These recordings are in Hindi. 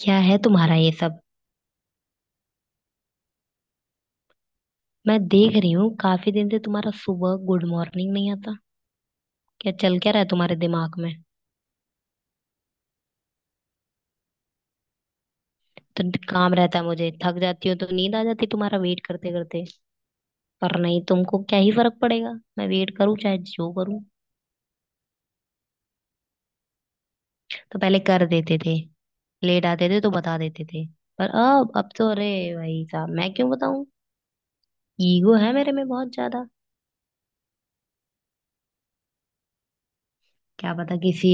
क्या है तुम्हारा ये सब? मैं देख रही हूँ, काफी दिन से तुम्हारा सुबह गुड मॉर्निंग नहीं आता। क्या चल क्या रहा है तुम्हारे दिमाग में? तो काम रहता है, मुझे थक जाती हो तो नींद आ जाती है तुम्हारा वेट करते करते। पर नहीं, तुमको क्या ही फर्क पड़ेगा। मैं वेट करूँ चाहे जो करूँ। तो पहले कर देते थे। लेट आते थे तो बता देते थे। पर अब तो अरे, भाई साहब मैं क्यों बताऊँ? ईगो है मेरे में बहुत ज्यादा। क्या पता किसी।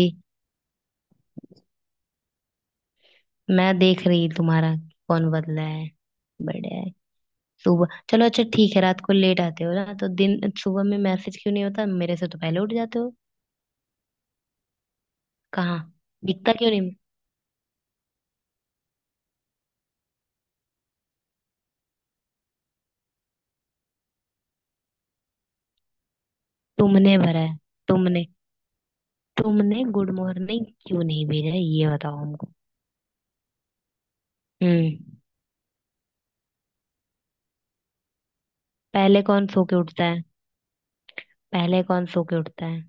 मैं देख रही तुम्हारा। कौन बदला है? बढ़िया है। सुबह चलो, अच्छा ठीक है, रात को लेट आते हो ना तो दिन सुबह में मैसेज क्यों नहीं होता? मेरे से तो पहले उठ जाते हो। कहाँ? दिखता क्यों नहीं? तुमने भरा है, तुमने तुमने गुड मॉर्निंग क्यों नहीं भेजा है, ये बताओ हमको। हम्म। पहले कौन सो के उठता है? पहले कौन सो के उठता है?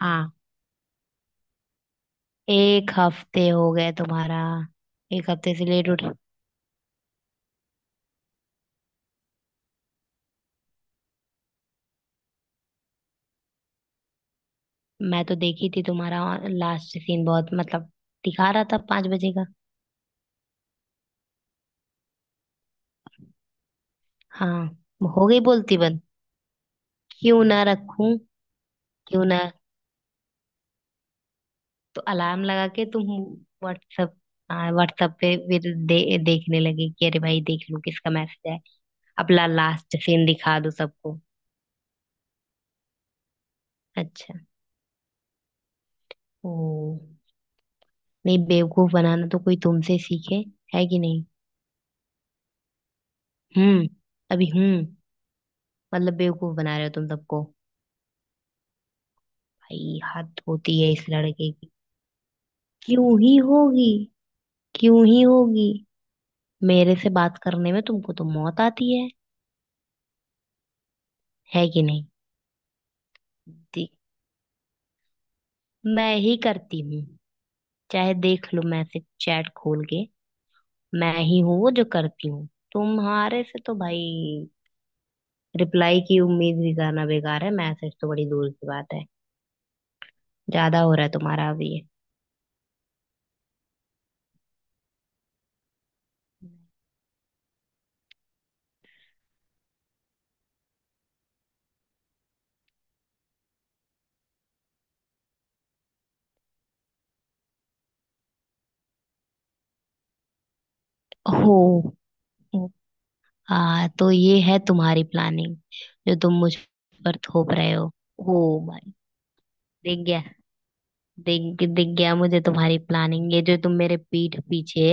हाँ, 1 हफ्ते हो गए तुम्हारा। 1 हफ्ते से लेट उठ। मैं तो देखी थी तुम्हारा लास्ट सीन, बहुत मतलब। दिखा रहा था 5 बजे का। हाँ। हो गई बोलती बंद? क्यों ना रखूं? क्यों ना? तो अलार्म लगा के तुम व्हाट्सअप व्हाट्सअप पे फिर देखने लगे कि अरे भाई, देख लूं किसका मैसेज है। अपना लास्ट सीन दिखा दो सबको। अच्छा। ओ, नहीं बेवकूफ बनाना तो कोई तुमसे सीखे। है कि नहीं? हम्म। अभी मतलब बेवकूफ बना रहे हो तुम सबको। भाई, हद होती है इस लड़के की। क्यों ही होगी? क्यों ही होगी? मेरे से बात करने में तुमको तो मौत आती है। है कि नहीं? दे- मैं ही करती हूँ। चाहे देख लो, मैसेज चैट खोल के मैं ही हूँ वो जो करती हूँ। तुम्हारे से तो भाई रिप्लाई की उम्मीद भी करना बेकार है, मैसेज तो बड़ी दूर की बात है। ज्यादा हो रहा है तुम्हारा अभी ये। हो। हाँ, तो ये है तुम्हारी प्लानिंग, जो तुम मुझ पर थोप रहे हो। ओ भाई। दिख गया। दिख दिख गया मुझे तुम्हारी प्लानिंग, ये जो तुम मेरे पीठ पीछे।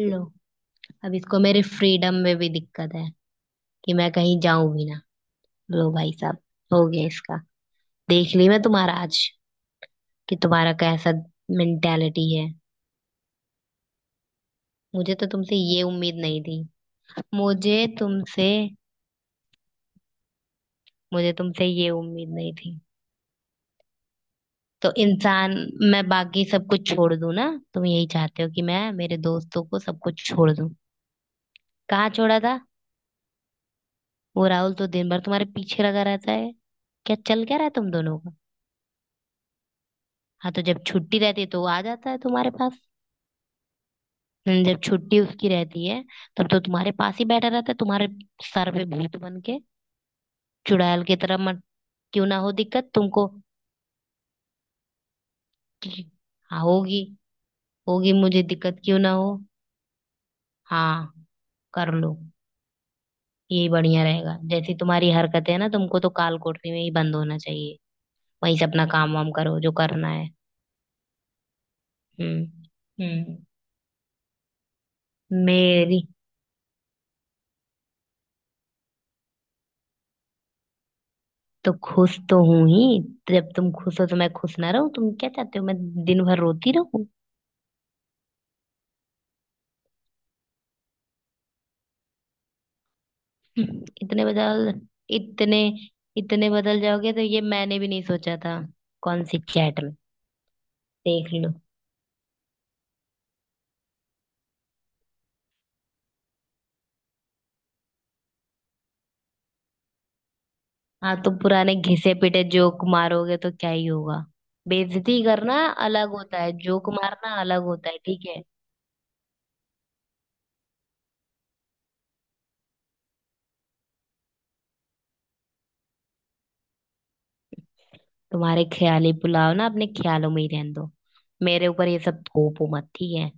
लो, अब इसको मेरे फ्रीडम में भी दिक्कत है कि मैं कहीं जाऊं भी ना। लो भाई साहब, हो गया इसका। देख ली मैं तुम्हारा आज, कि तुम्हारा कैसा मेंटेलिटी है। मुझे तो तुमसे ये उम्मीद नहीं थी। मुझे तुमसे मुझे तुमसे ये उम्मीद नहीं थी। तो इंसान मैं बाकी सब कुछ छोड़ दूं ना? तुम यही चाहते हो कि मैं मेरे दोस्तों को सब कुछ छोड़ दूं? कहाँ छोड़ा था? वो राहुल तो दिन भर तुम्हारे पीछे लगा रहता है। क्या चल क्या रहा है तुम दोनों का? हाँ, तो जब छुट्टी रहती है तो वो आ जाता है तुम्हारे पास। जब छुट्टी उसकी रहती है तब तो तुम्हारे पास ही बैठा रहता है, तुम्हारे सर पे भूत बन के। चुड़ैल की तरह मत। क्यों ना हो दिक्कत तुमको? कि- हाँ, होगी। होगी, मुझे दिक्कत क्यों ना हो? हाँ, कर लो। यही बढ़िया रहेगा, जैसी तुम्हारी हरकत है ना तुमको तो काल कोठरी में ही बंद होना चाहिए। वहीं से अपना काम वाम करो, जो करना है। हम्म। हम्म। मेरी। तो खुश तो हूं ही। जब तुम खुश हो तो मैं खुश ना रहूं? तुम क्या चाहते हो, मैं दिन भर रोती रहूं? इतने बदल इतने इतने बदल जाओगे तो ये मैंने भी नहीं सोचा था। कौन सी चैट में? देख लो। हाँ, तो पुराने घिसे पिटे जोक मारोगे तो क्या ही होगा? बेइज्जती करना अलग होता है, जोक मारना अलग होता है, ठीक है? तुम्हारे ख्याली पुलाव ना अपने ख्यालों में ही रहने दो। मेरे ऊपर ये सब थोपो मत, ठीक है?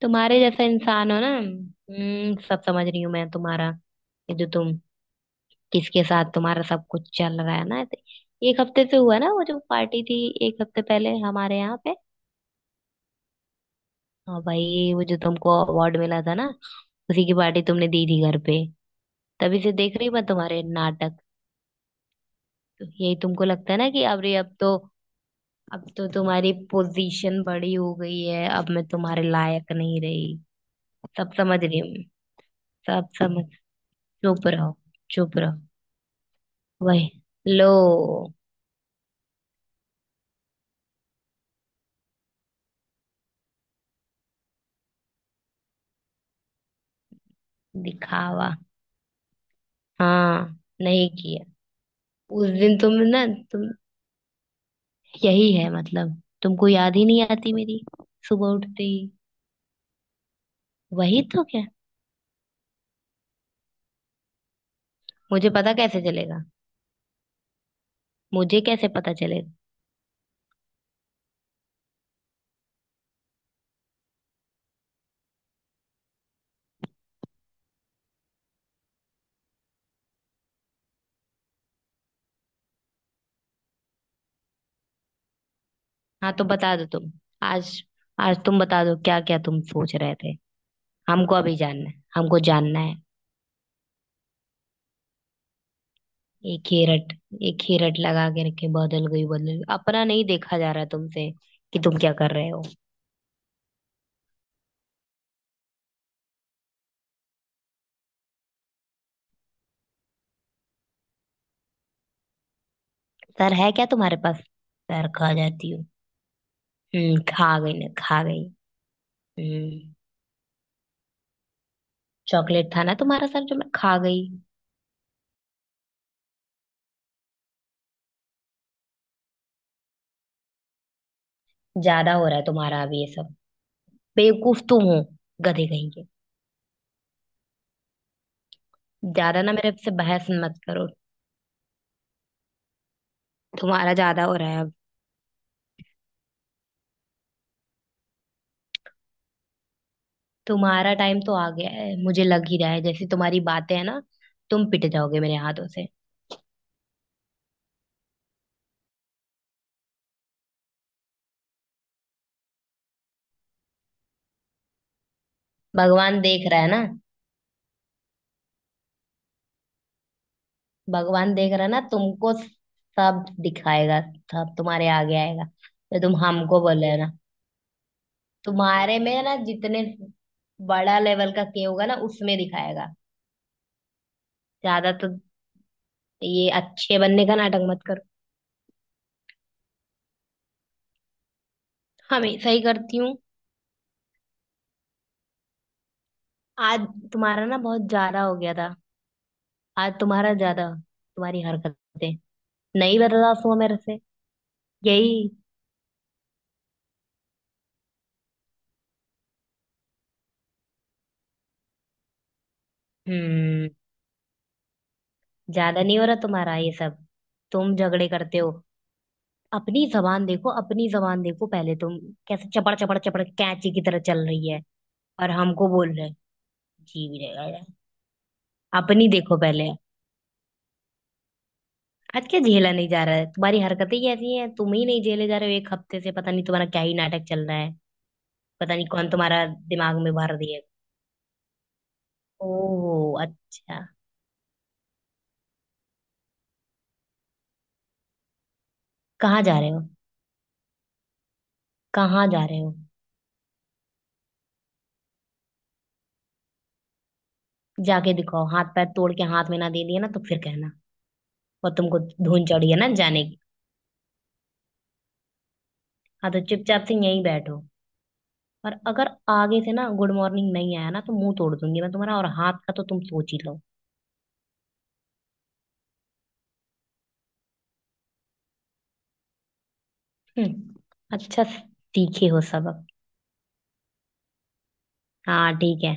तुम्हारे जैसा इंसान हो ना, सब समझ रही हूँ मैं तुम्हारा। ये जो तुम किसके साथ तुम्हारा सब कुछ चल रहा है ना ऐसे? 1 हफ्ते से हुआ है ना वो जो पार्टी थी, 1 हफ्ते पहले हमारे यहाँ पे। हाँ भाई, वो जो तुमको अवार्ड मिला था ना, उसी की पार्टी तुमने दी थी घर पे। तभी से देख रही मैं तुम्हारे नाटक। तो यही तुमको लगता है ना कि अरे, अब तो तुम्हारी पोजीशन बड़ी हो गई है, अब मैं तुम्हारे लायक नहीं रही। सब समझ रही हूँ मैं। सब समझ चुप रहो। चुप रहो। वही। लो। दिखावा। हाँ, नहीं किया। उस दिन तुम ना, तुम यही है मतलब तुमको याद ही नहीं आती मेरी, सुबह उठते ही। वही तो क्या? मुझे पता कैसे चलेगा? मुझे कैसे पता चलेगा? हाँ, तो बता दो तुम। आज, आज तुम बता दो क्या क्या तुम सोच रहे थे। हमको अभी जानना है, हमको जानना है। एक ही रट एक ही रट लगा के रखे, बदल गई बदल गई, अपना नहीं देखा जा रहा तुमसे कि तुम क्या कर रहे हो? सर है क्या तुम्हारे पास? सर खा जाती हूँ? हम्म, खा गई ना, खा गई। हम्म, चॉकलेट था ना तुम्हारा सर जो मैं खा गई? ज्यादा हो रहा है तुम्हारा अभी ये सब। बेवकूफ तुम हो, गधे कहीं के। ज्यादा ना मेरे से बहस मत करो। तुम्हारा ज्यादा हो रहा है अब। तुम्हारा टाइम तो आ गया है, मुझे लग ही रहा है जैसे तुम्हारी बातें हैं ना, तुम पिट जाओगे मेरे हाथों से। भगवान देख रहा है ना। भगवान देख रहा है ना तुमको। सब दिखाएगा, सब तुम्हारे आगे आएगा तो तुम हमको बोल रहे हो ना? तुम्हारे में ना जितने बड़ा लेवल का के होगा ना उसमें दिखाएगा। ज्यादा तो ये अच्छे बनने का नाटक मत करो। हमेशा ही करती हूँ। आज तुम्हारा ना बहुत ज्यादा हो गया था। आज तुम्हारा ज्यादा तुम्हारी हरकतें नहीं बर्दाश्त हुआ मेरे से। यही। हम्म ज्यादा नहीं हो रहा तुम्हारा ये सब? तुम झगड़े करते हो। अपनी जबान देखो, अपनी जबान देखो पहले तुम। कैसे चपड़ चपड़ चपड़ कैंची की तरह चल रही है, और हमको बोल रहे? जी भी रहेगा। अपनी देखो पहले। आज क्या झेला नहीं जा रहा है? तुम्हारी हरकतें ही ऐसी हैं, तुम ही नहीं झेले जा रहे हो, 1 हफ्ते से पता नहीं तुम्हारा क्या ही नाटक चल रहा है। पता नहीं कौन तुम्हारा दिमाग में भर दिए। ओह अच्छा। कहाँ जा रहे हो? कहाँ जा रहे हो? जाके दिखाओ, हाथ पैर तोड़ के हाथ में ना दे दिए ना तो फिर कहना। और तुमको धुन चढ़ी है ना जाने की। हाँ, तो चुपचाप से यहीं बैठो। और अगर आगे से ना गुड मॉर्निंग नहीं आया ना तो मुंह तोड़ दूंगी मैं तुम्हारा, और हाथ का तो तुम सोच ही लो। हम्म। अच्छा, सीखे हो सबक? हाँ, ठीक है।